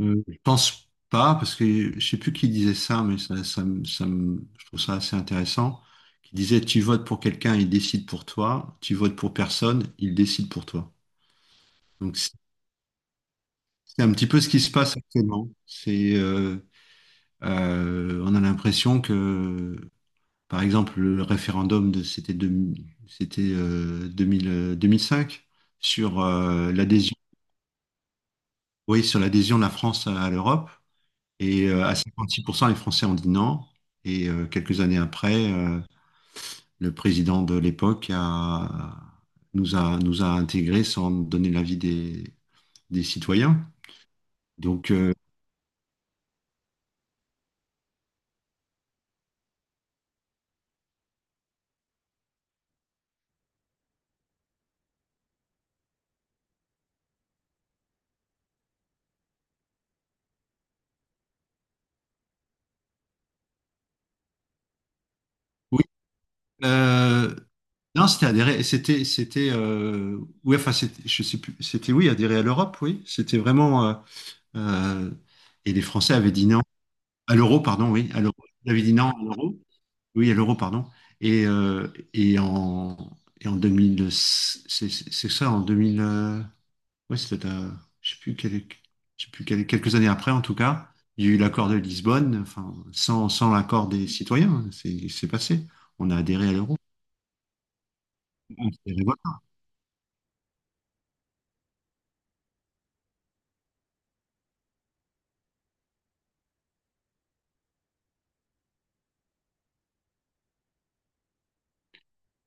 Je pense pas, parce que je sais plus qui disait ça, mais je trouve ça assez intéressant, qui disait: tu votes pour quelqu'un, il décide pour toi, tu votes pour personne, il décide pour toi. Donc c'est un petit peu ce qui se passe actuellement. On a l'impression que, par exemple, le référendum c'était 2000, 2005 sur l'adhésion, oui, sur l'adhésion de la France à l'Europe. Et à 56%, les Français ont dit non. Et quelques années après, le président de l'époque nous a intégrés sans donner l'avis des citoyens. Donc, oui. euh, non, c'était adhérer. C'était oui, enfin, je sais plus. C'était oui, adhérer à l'Europe, oui. C'était vraiment, euh, et les Français avaient dit non. À l'euro, pardon, oui. À l'euro. Ils avaient dit non à l'euro. Oui, à l'euro, pardon. Et, euh, et, en, et en 2000, c'est ça, en 2000, ouais, c'était, je sais plus, quel- je sais plus quelques années après, en tout cas, il y a eu l'accord de Lisbonne, enfin, sans l'accord des citoyens, hein, c'est passé. On a adhéré à l'euro. Ah, c'est révoltant.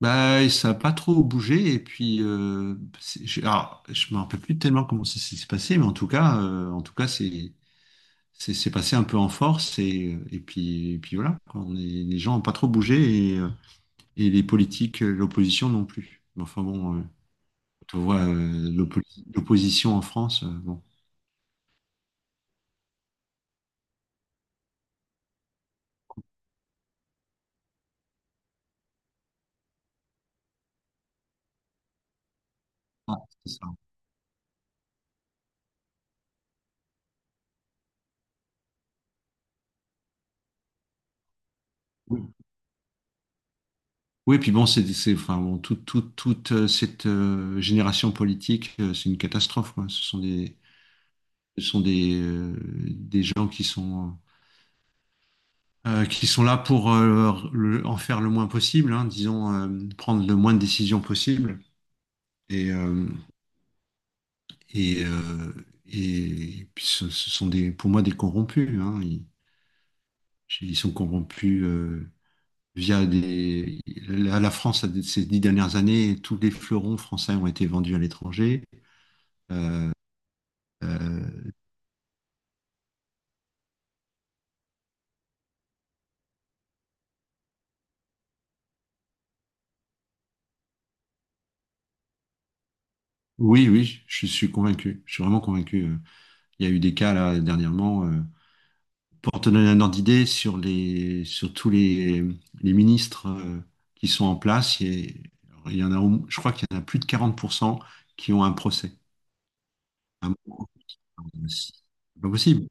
Bah, ça n'a pas trop bougé, et puis, je, alors, je me rappelle plus tellement comment ça s'est passé, mais en tout cas, c'est passé un peu en force et et puis voilà, quoi. Les gens n'ont pas trop bougé et les politiques, l'opposition non plus. Mais enfin bon, tu vois, l'opposition en France, bon. Ah, c'est ça. Oui, oui, puis bon, enfin, bon, toute cette génération politique, c'est une catastrophe, quoi. Ce sont des gens qui sont là pour en faire le moins possible, hein, disons, prendre le moins de décisions possible. Et, euh, Et, euh, et puis ce sont des, pour moi des corrompus, hein. Ils sont corrompus, via des. la France, ces 10 dernières années, tous les fleurons français ont été vendus à l'étranger. Euh, euh, oui, oui, je suis convaincu. Je suis vraiment convaincu. Il y a eu des cas là dernièrement. Pour te donner un ordre d'idée sur tous les ministres, qui sont en place, il y a- il y en a, au- je crois qu'il y en a plus de 40% qui ont un procès. C'est pas possible.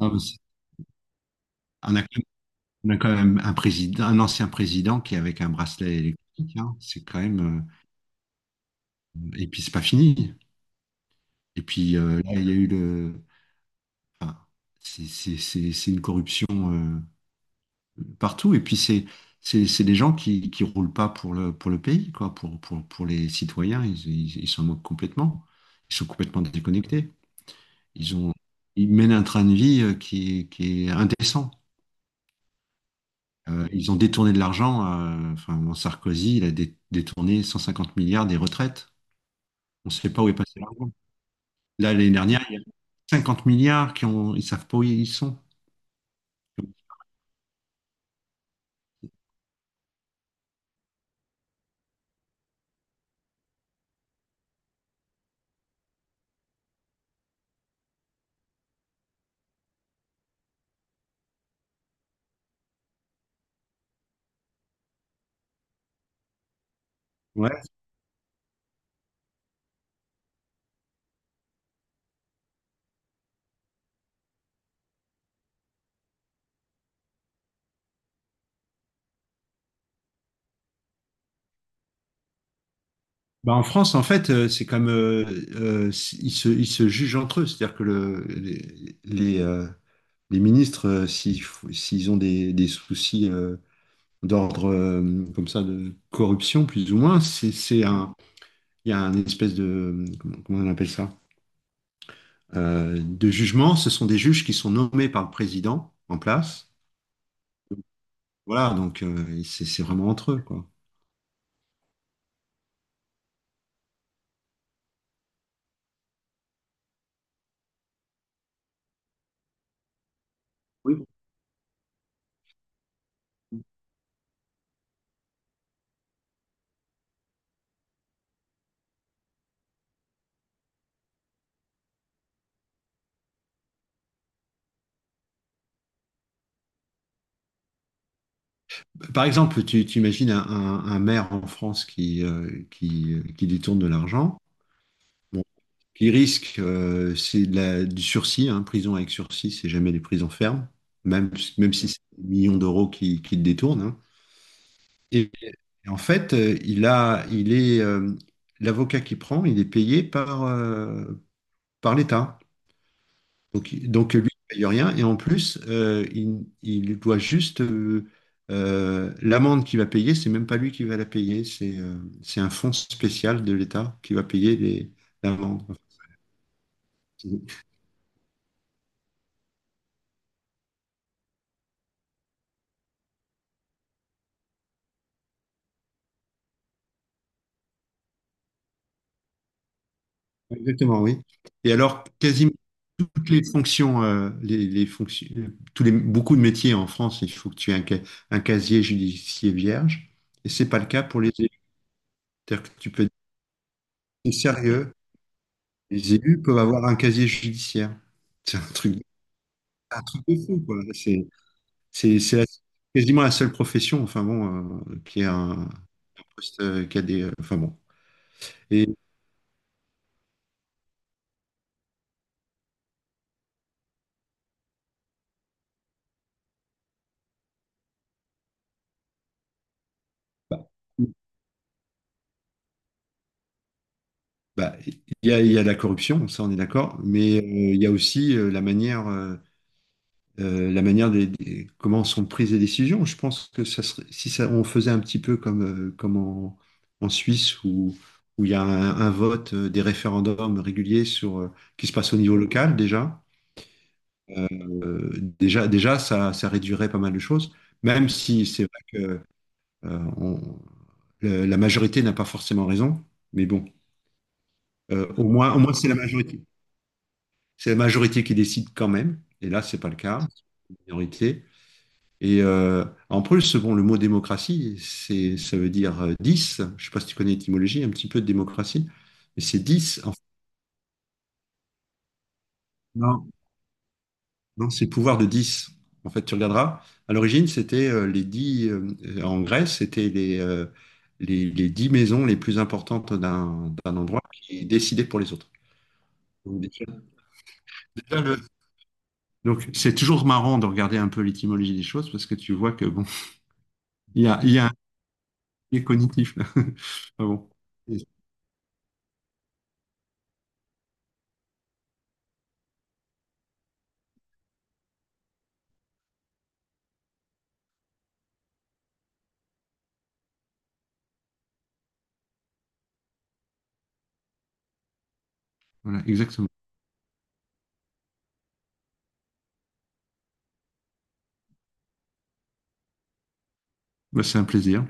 Non, mais on a, quand même on a quand même un président, un ancien président qui est avec un bracelet électrique, hein. C'est quand même. Et puis c'est pas fini. Et puis là, il y a eu le. Enfin, c'est une corruption euh, partout. Et puis c'est des gens qui roulent pas pour le pays, quoi, pour les citoyens. Ils s'en moquent complètement. Ils sont complètement déconnectés. Ils ont Ils mènent un train de vie, qui est indécent. Ils ont détourné de l'argent. Enfin, mon Sarkozy, il a détourné 150 milliards des retraites. On ne sait pas où est passé l'argent. Là, l'année dernière, il y a 50 milliards ils savent pas où ils sont. Ouais. Bah, en France, en fait, c'est comme, euh, ils se jugent entre eux. C'est-à-dire que les ministres, s'ils ont des soucis, d'ordre, comme ça, de corruption, plus ou moins, il y a un espèce de, comment on appelle ça? De jugement. Ce sont des juges qui sont nommés par le président en place. Voilà, donc c'est vraiment entre eux, quoi. Oui. Par exemple, tu imagines un maire en France qui détourne de l'argent, bon, qui risque, c'est de du sursis, hein, prison avec sursis, c'est jamais des prisons fermes, même, même si c'est des millions d'euros qui le détournent, hein. Et, et en fait, il a, il est, l'avocat qui prend, il est payé par l'État. Donc lui, il ne paye rien. Et en plus, il doit juste, l'amende qu'il va payer, c'est même pas lui qui va la payer, c'est un fonds spécial de l'État qui va payer l'amende. Exactement, oui. Et alors, quasiment toutes les fonctions, beaucoup de métiers en France, il faut que tu aies un casier judiciaire vierge. Et c'est pas le cas pour les élus. C'est-à-dire que tu peux dire, c'est sérieux, les élus peuvent avoir un casier judiciaire. C'est un truc, un truc de fou, quoi. C'est- c'est la- Quasiment la seule profession, enfin bon, qui a un poste, qui a des, enfin bon. Et bah, bah, il il y a la corruption, ça on est d'accord, mais il y a aussi, la manière, comment sont prises les décisions. Je pense que ça serait, si ça, on faisait un petit peu comme, euh, comme en, en Suisse où il y a un vote, des référendums réguliers sur qui se passe au niveau local déjà. euh, Déjà, ça réduirait pas mal de choses, même si c'est vrai que euh, on- la majorité n'a pas forcément raison, mais bon, au moins c'est la majorité. C'est la majorité qui décide quand même, et là, c'est pas le cas, c'est une minorité. Et en plus, bon, le mot démocratie, ça veut dire 10. Je sais pas si tu connais l'étymologie, un petit peu de démocratie, mais c'est 10 en fait. Non, c'est pouvoir de 10. En fait, tu regarderas. À l'origine, c'était, les 10, en Grèce, c'était les 10 maisons les plus importantes d'un endroit qui décidaient pour les autres. Donc, déjà- déjà le- donc, c'est toujours marrant de regarder un peu l'étymologie des choses parce que tu vois que bon, il y a un biais cognitif là. Ah bon. Voilà, exactement. Bah, c'est un plaisir.